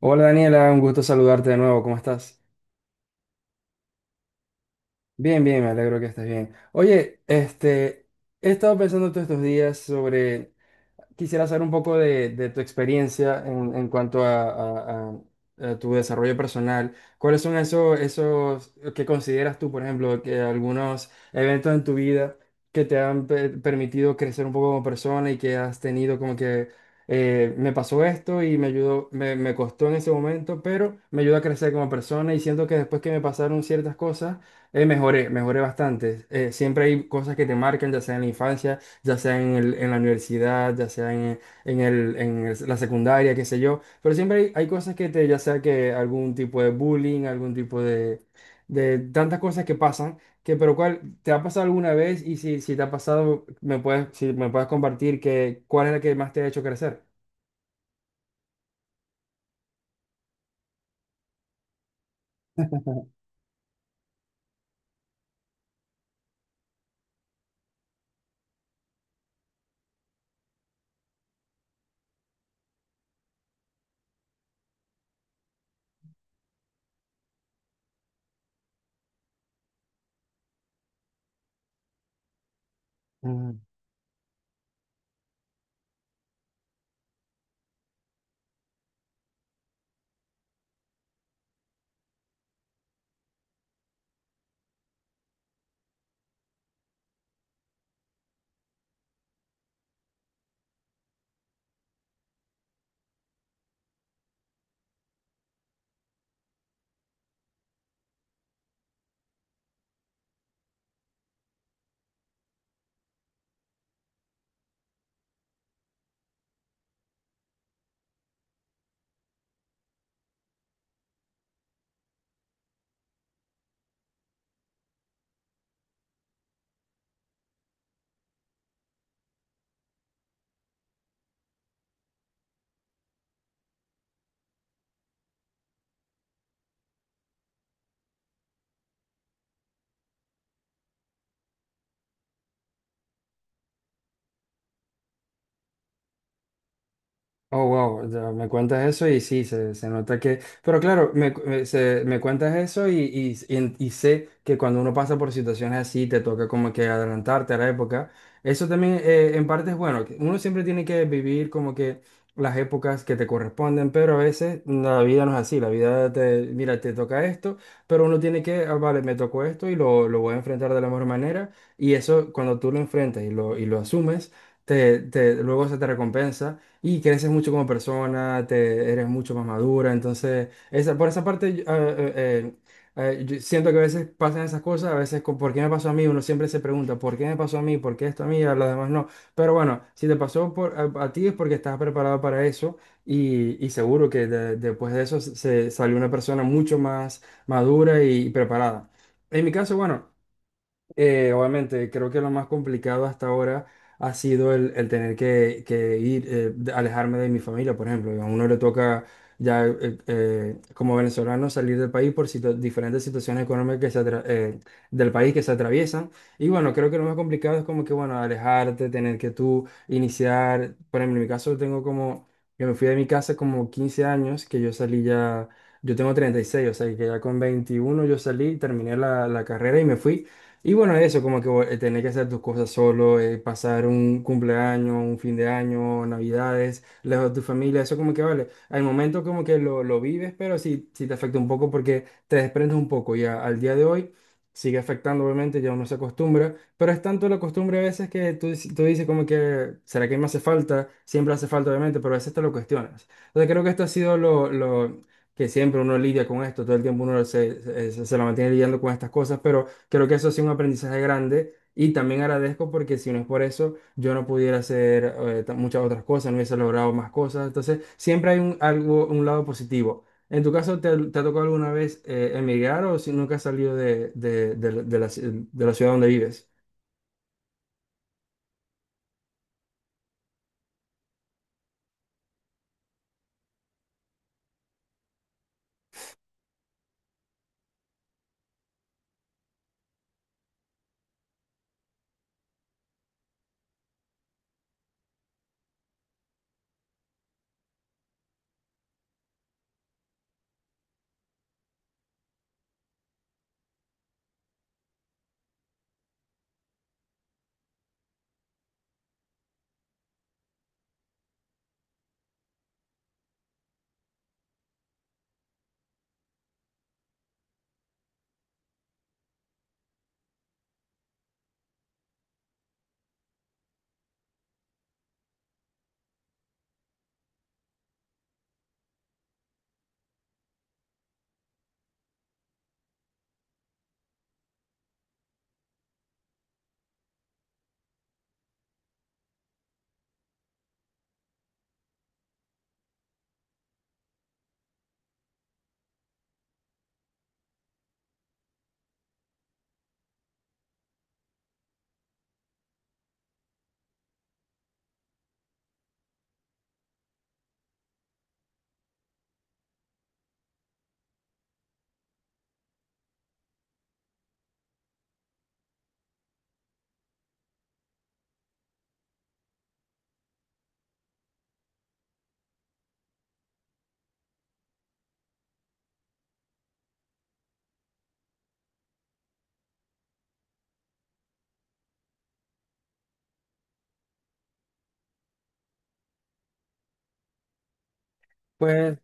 Hola Daniela, un gusto saludarte de nuevo, ¿cómo estás? Bien, bien, me alegro que estés bien. Oye, he estado pensando todos estos días sobre quisiera saber un poco de tu experiencia en cuanto a tu desarrollo personal. ¿Cuáles son esos que consideras tú, por ejemplo, que algunos eventos en tu vida que te han permitido crecer un poco como persona y que has tenido como que me pasó esto y me ayudó, me costó en ese momento, pero me ayudó a crecer como persona y siento que después que me pasaron ciertas cosas, mejoré, mejoré bastante. Siempre hay cosas que te marcan, ya sea en la infancia, ya sea en la universidad, ya sea en la secundaria, qué sé yo, pero siempre hay cosas que te, ya sea que algún tipo de bullying, algún tipo de tantas cosas que pasan, que pero cuál, ¿te ha pasado alguna vez? Y si, si te ha pasado, si me puedes compartir que, ¿cuál es la que más te ha hecho crecer? Oh, wow, ya me cuentas eso y sí, se nota que... Pero claro, me, cu- me- se- me cuentas eso y sé que cuando uno pasa por situaciones así, te toca como que adelantarte a la época. Eso también, en parte es bueno, que uno siempre tiene que vivir como que las épocas que te corresponden, pero a veces la vida no es así, la vida te, mira, te toca esto, pero uno tiene que, ah, vale, me tocó esto y lo voy a enfrentar de la mejor manera y eso cuando tú lo enfrentas y lo asumes, luego se te recompensa y creces mucho como persona, te, eres mucho más madura. Entonces, esa, por esa parte, yo siento que a veces pasan esas cosas, a veces con por qué me pasó a mí, uno siempre se pregunta, ¿por qué me pasó a mí? ¿Por qué esto a mí? A los demás no. Pero bueno, si te pasó por, a ti es porque estás preparado para eso y seguro que después de eso se salió una persona mucho más madura y preparada. En mi caso, bueno. Obviamente, creo que lo más complicado hasta ahora ha sido el tener que ir, alejarme de mi familia, por ejemplo. A uno le toca ya, como venezolano salir del país por diferentes situaciones económicas que del país que se atraviesan. Y bueno, creo que lo más complicado es como que, bueno, alejarte, tener que tú iniciar. Por ejemplo, en mi caso tengo como, yo me fui de mi casa como 15 años, que yo salí ya, yo tengo 36, o sea, que ya con 21 yo salí, terminé la carrera y me fui. Y bueno, eso, como que, tener que hacer tus cosas solo, pasar un cumpleaños, un fin de año, navidades, lejos de tu familia, eso como que vale. Al momento como que lo vives, pero sí, sí te afecta un poco porque te desprendes un poco. Ya al día de hoy sigue afectando, obviamente, ya uno se acostumbra, pero es tanto la costumbre a veces que tú dices como que, ¿será que me hace falta? Siempre hace falta, obviamente, pero a veces te lo cuestionas. Entonces creo que esto ha sido lo que siempre uno lidia con esto, todo el tiempo uno se la mantiene lidiando con estas cosas, pero... Creo que eso ha sido un aprendizaje grande y también agradezco porque si no es por eso, yo no pudiera hacer, muchas otras cosas, no hubiese logrado más cosas. Entonces, siempre hay un lado positivo. ¿En tu caso, te ha tocado alguna vez, emigrar o si nunca has salido de la de la ciudad donde vives? Pues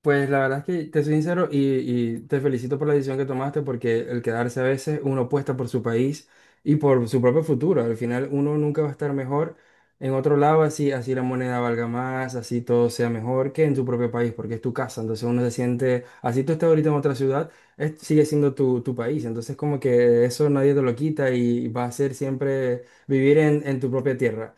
Pues la verdad es que te soy sincero y te felicito por la decisión que tomaste porque el quedarse a veces uno apuesta por su país y por su propio futuro. Al final uno nunca va a estar mejor en otro lado, así, así la moneda valga más, así todo sea mejor que en su propio país porque es tu casa. Entonces uno se siente, así tú estás ahorita en otra ciudad, sigue siendo tu país. Entonces como que eso nadie te lo quita y va a ser siempre vivir en tu propia tierra.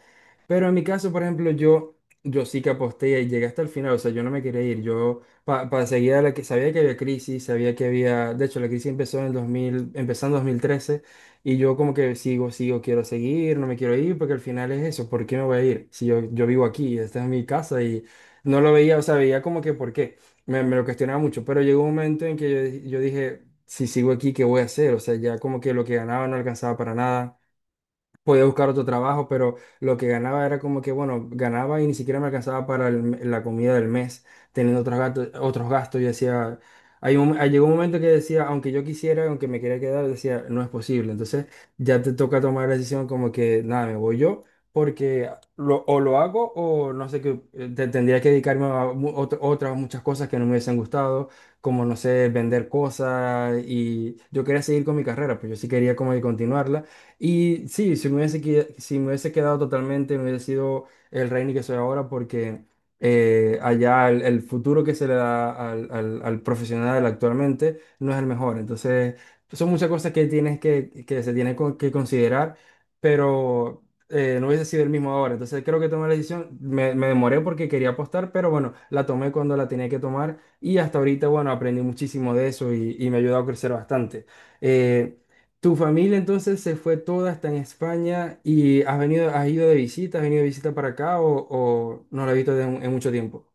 Pero en mi caso, por ejemplo, yo sí que aposté y llegué hasta el final. O sea, yo no me quería ir. Yo para seguir a la que sabía que había crisis, sabía que había, de hecho la crisis empezó en el 2000, empezó en 2013 y yo como que quiero seguir, no me quiero ir porque al final es eso, ¿por qué me voy a ir? Si yo vivo aquí, esta es mi casa y no lo veía, o sea, veía como que por qué, me lo cuestionaba mucho, pero llegó un momento en que yo dije, si sigo aquí, ¿qué voy a hacer? O sea, ya como que lo que ganaba no alcanzaba para nada, podía buscar otro trabajo, pero lo que ganaba era como que, bueno, ganaba y ni siquiera me alcanzaba para la comida del mes, teniendo otros gastos, otros gastos. Yo decía, hay llegó un momento que decía, aunque yo quisiera, aunque me quería quedar, decía, no es posible. Entonces ya te toca tomar la decisión como que, nada, me voy yo, porque o lo hago o no sé qué, tendría que dedicarme a otras muchas cosas que no me hubiesen gustado, como, no sé, vender cosas y yo quería seguir con mi carrera, pues yo sí quería como que continuarla y sí, si me hubiese quedado totalmente, me hubiese sido el Reini que soy ahora, porque, allá el futuro que se le da al profesional actualmente no es el mejor. Entonces, son muchas cosas que tienes que, que considerar, pero, no hubiese sido el mismo ahora. Entonces, creo que tomé la decisión, me demoré porque quería apostar, pero bueno, la tomé cuando la tenía que tomar y hasta ahorita, bueno, aprendí muchísimo de eso y me ha ayudado a crecer bastante. Eh, tu familia entonces se fue toda hasta en España y has venido, has venido de visita para acá o no la has visto en mucho tiempo.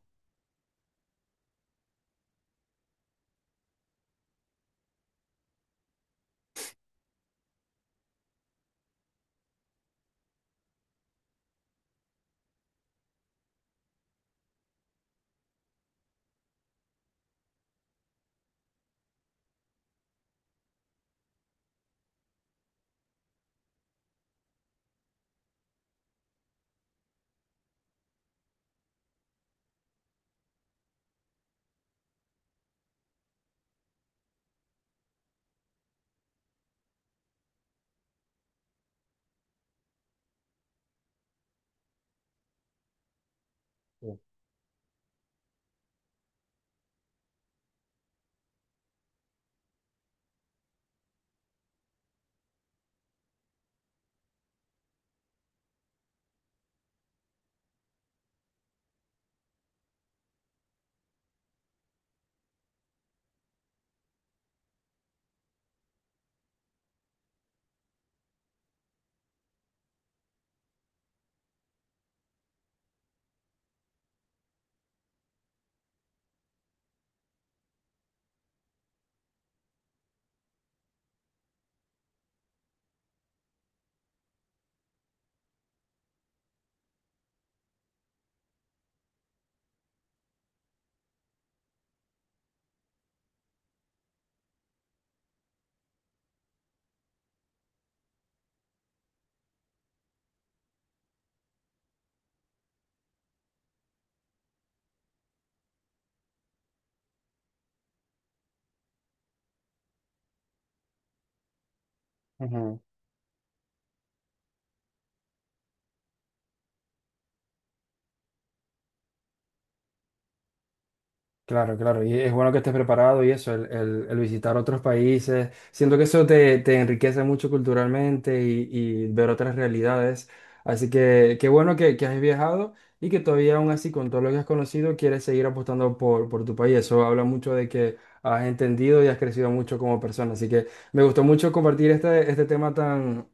Claro, claro, y es bueno que estés preparado y eso, el visitar otros países. Siento que eso te enriquece mucho culturalmente y ver otras realidades. Así que qué bueno que has viajado y que todavía aún así con todo lo que has conocido quieres seguir apostando por tu país. Eso habla mucho de que has entendido y has crecido mucho como persona. Así que me gustó mucho compartir este tema tan,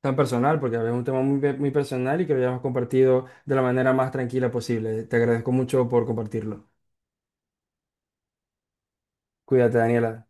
tan personal, porque es un tema muy, muy personal y que lo hayamos compartido de la manera más tranquila posible. Te agradezco mucho por compartirlo. Cuídate, Daniela.